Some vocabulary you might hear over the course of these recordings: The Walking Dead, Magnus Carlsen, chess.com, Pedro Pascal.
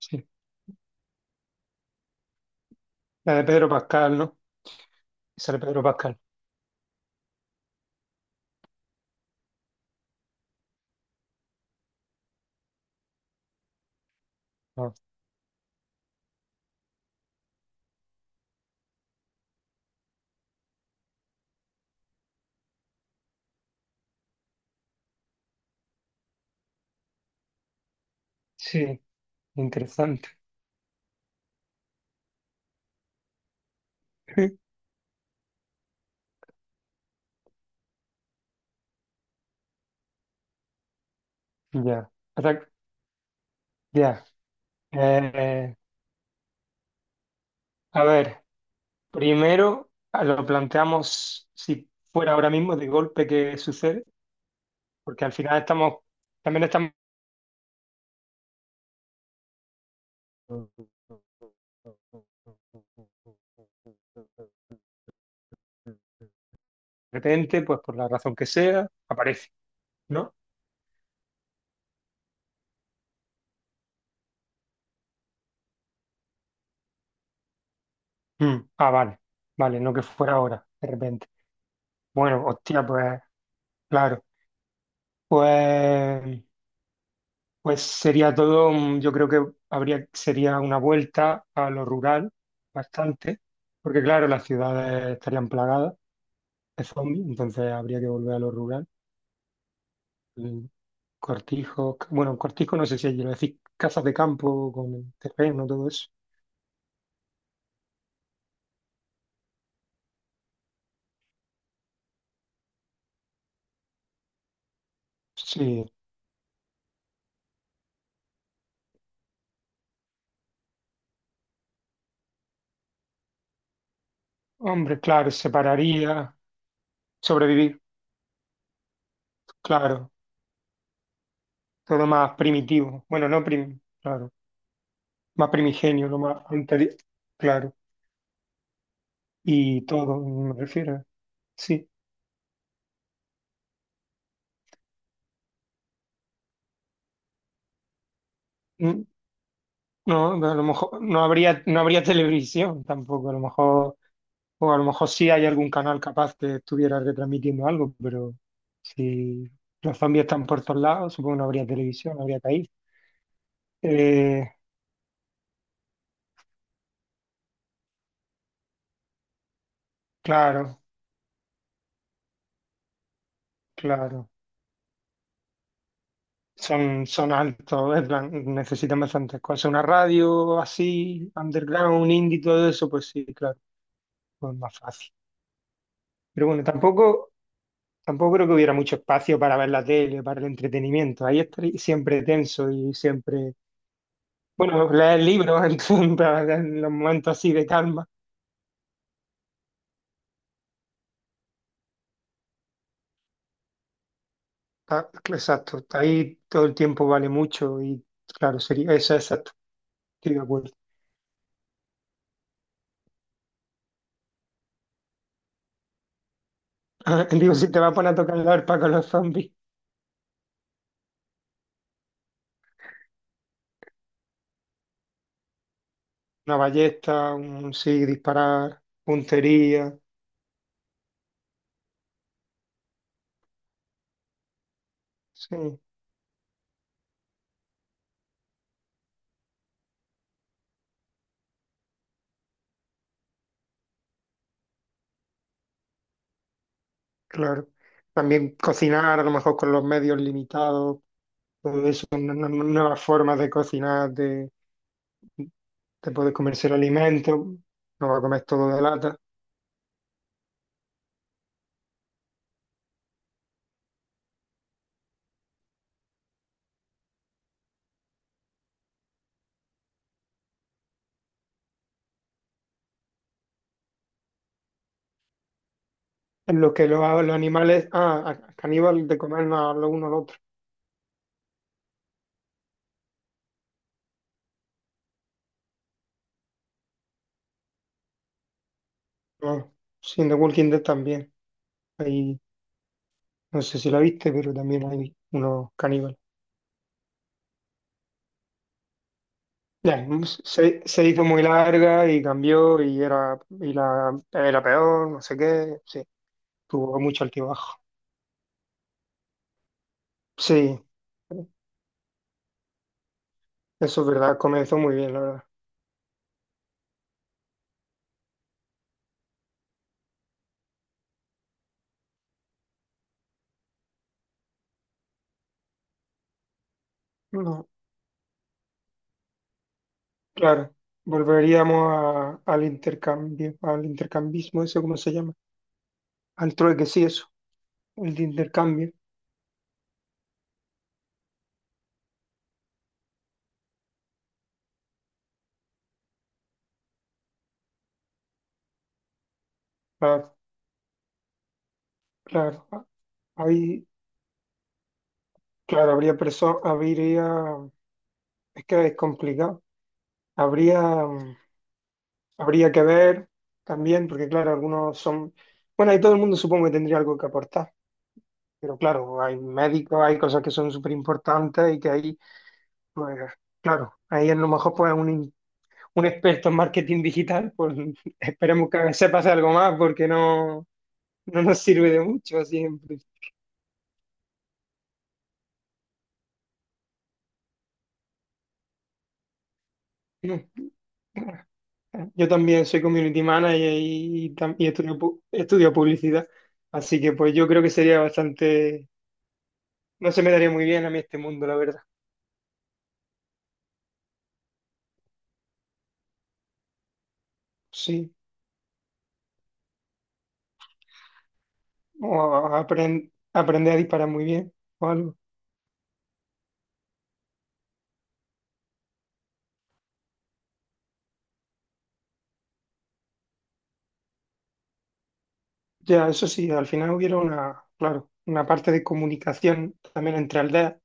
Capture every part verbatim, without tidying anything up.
Sí, la de Pedro Pascal, ¿no? Sale Pedro Pascal. Ah, sí, interesante. Ya. Ahora- ya. Eh, a ver, primero ah, lo planteamos si fuera ahora mismo de golpe que sucede, porque al final estamos, también estamos de repente, pues por la razón que sea, aparece, ¿no? Mm, Ah, vale, vale, no que fuera ahora, de repente. Bueno, hostia, pues claro. Pues, pues sería todo, mm, yo creo que habría, sería una vuelta a lo rural bastante, porque claro, las ciudades estarían plagadas de zombies, entonces habría que volver a lo rural. Mm, Cortijos, c- bueno, cortijo no sé si allí lo decís, casas de campo con terreno, todo eso. Sí, hombre, claro, separaría, sobrevivir, claro, todo más primitivo, bueno, no prim, claro, más primigenio, lo más anteri- claro, y todo, me refiero. Sí. Mm, no, no, a lo mejor no habría, no habría televisión tampoco, a lo mejor, o a lo mejor sí hay algún canal capaz que estuviera retransmitiendo algo, pero si los zombies están por todos lados, supongo que no habría televisión, no habría país. Eh, claro, claro. Son, son altos, en plan, necesitan bastantes cosas. Una radio así, underground, un indie, todo eso, pues sí, claro, pues más fácil. Pero bueno, tampoco. Tampoco creo que hubiera mucho espacio para ver la tele, para el entretenimiento. Ahí estaría siempre tenso y siempre, bueno, leer libros en, para- en los momentos así de calma. Ah, exacto, ahí todo el tiempo vale mucho y claro, sería eso, exacto, estoy de acuerdo. Ah, digo, si te vas a poner a tocar la arpa con los zombies, una ballesta, un sí, disparar, puntería, sí. Claro. También cocinar a lo mejor con los medios limitados, todo eso, nu- nu- nu- nuevas formas de cocinar, de, de poder comerse el alimento, no va a comer todo de lata. En lo que los, los animales, ah, a- caníbal de comer a lo uno al otro. No, sí, en The Walking Dead también. Ahí no sé si la viste, pero también hay unos caníbales. Ya, se, se hizo muy larga y cambió y era, y la, era peor, no sé qué. Sí, tuvo mucho altibajo. Sí, eso es verdad, comenzó muy bien, la verdad. No, claro, volveríamos a- al intercambio, al intercambismo, eso cómo se llama, al trueque, sí, eso, el de intercambio. Claro, claro, ahí, claro, habría personas, habría, es que es complicado, habría, mm, habría que ver también, porque claro, algunos son, bueno, y todo el mundo supongo que tendría algo que aportar, pero claro, hay médicos, hay cosas que son súper importantes y que ahí. Pues claro, ahí a lo mejor pues un, in- un experto en marketing digital, pues esperemos que se pase algo más porque no, no nos sirve de mucho siempre. Yo también soy community manager y, tam- y estudio, pu- estudio publicidad, así que pues yo creo que sería bastante, no se me daría muy bien a mí este mundo, la verdad. Sí, o a- apren- aprender a disparar muy bien o algo. Ya, eso sí, al final hubiera una, claro, una parte de comunicación también entre aldeas en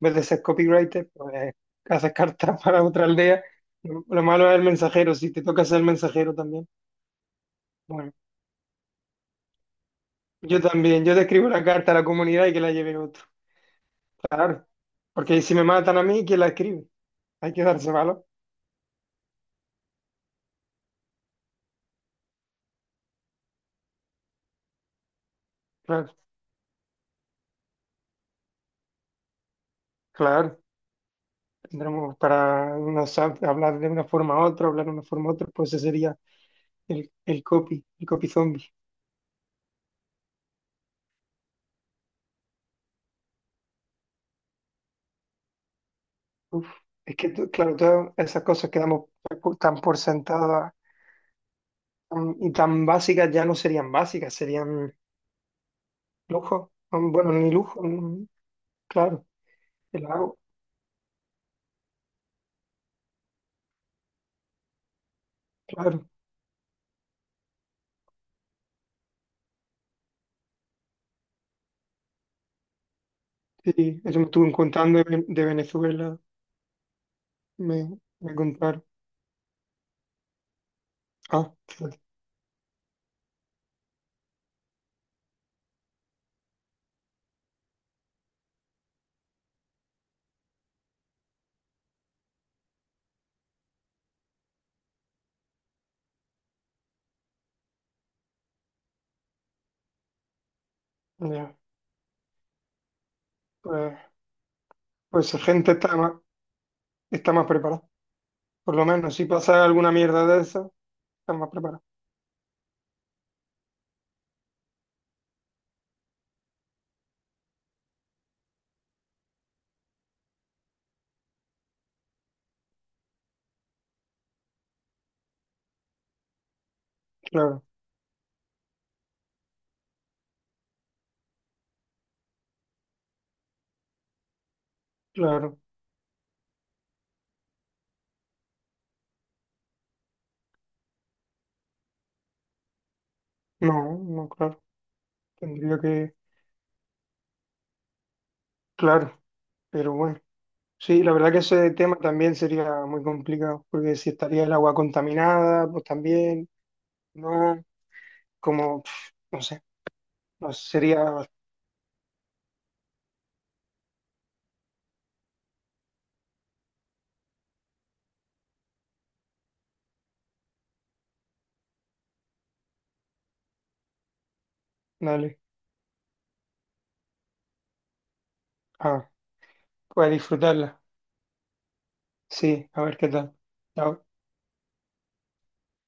vez de ser copywriter, pues haces cartas para otra aldea. Lo, lo malo es el mensajero, si te toca ser el mensajero también. Bueno, yo también, yo te escribo la carta a la comunidad y que la lleve otro. Claro, porque si me matan a mí, ¿quién la escribe? Hay que darse valor. Claro, claro. Tendremos para no sab- hablar de una forma a otra, hablar de una forma a otra, pues ese sería el, el copy, el copy zombie. Uf, es que, tú- claro, todas esas cosas que damos tan por sentadas tan- y tan básicas ya no serían básicas, serían lujo, mm, bueno, ni lujo, mm, claro, el agua, claro. Sí, eso me estuvo contando de, Ven- de Venezuela, me, me contaron. Ah, fíjate, ya, pues, pues esa gente está más, está más preparada. Por lo menos, si pasa alguna mierda de esa, está más preparada. Claro, claro. No, no, claro. Tendría que, claro, pero bueno. Sí, la verdad que ese tema también sería muy complicado, porque si estaría el agua contaminada, pues también, no, como, pf, no sé, no sería. Dale. Ah, voy a disfrutarla. Sí, a ver qué tal. Chao.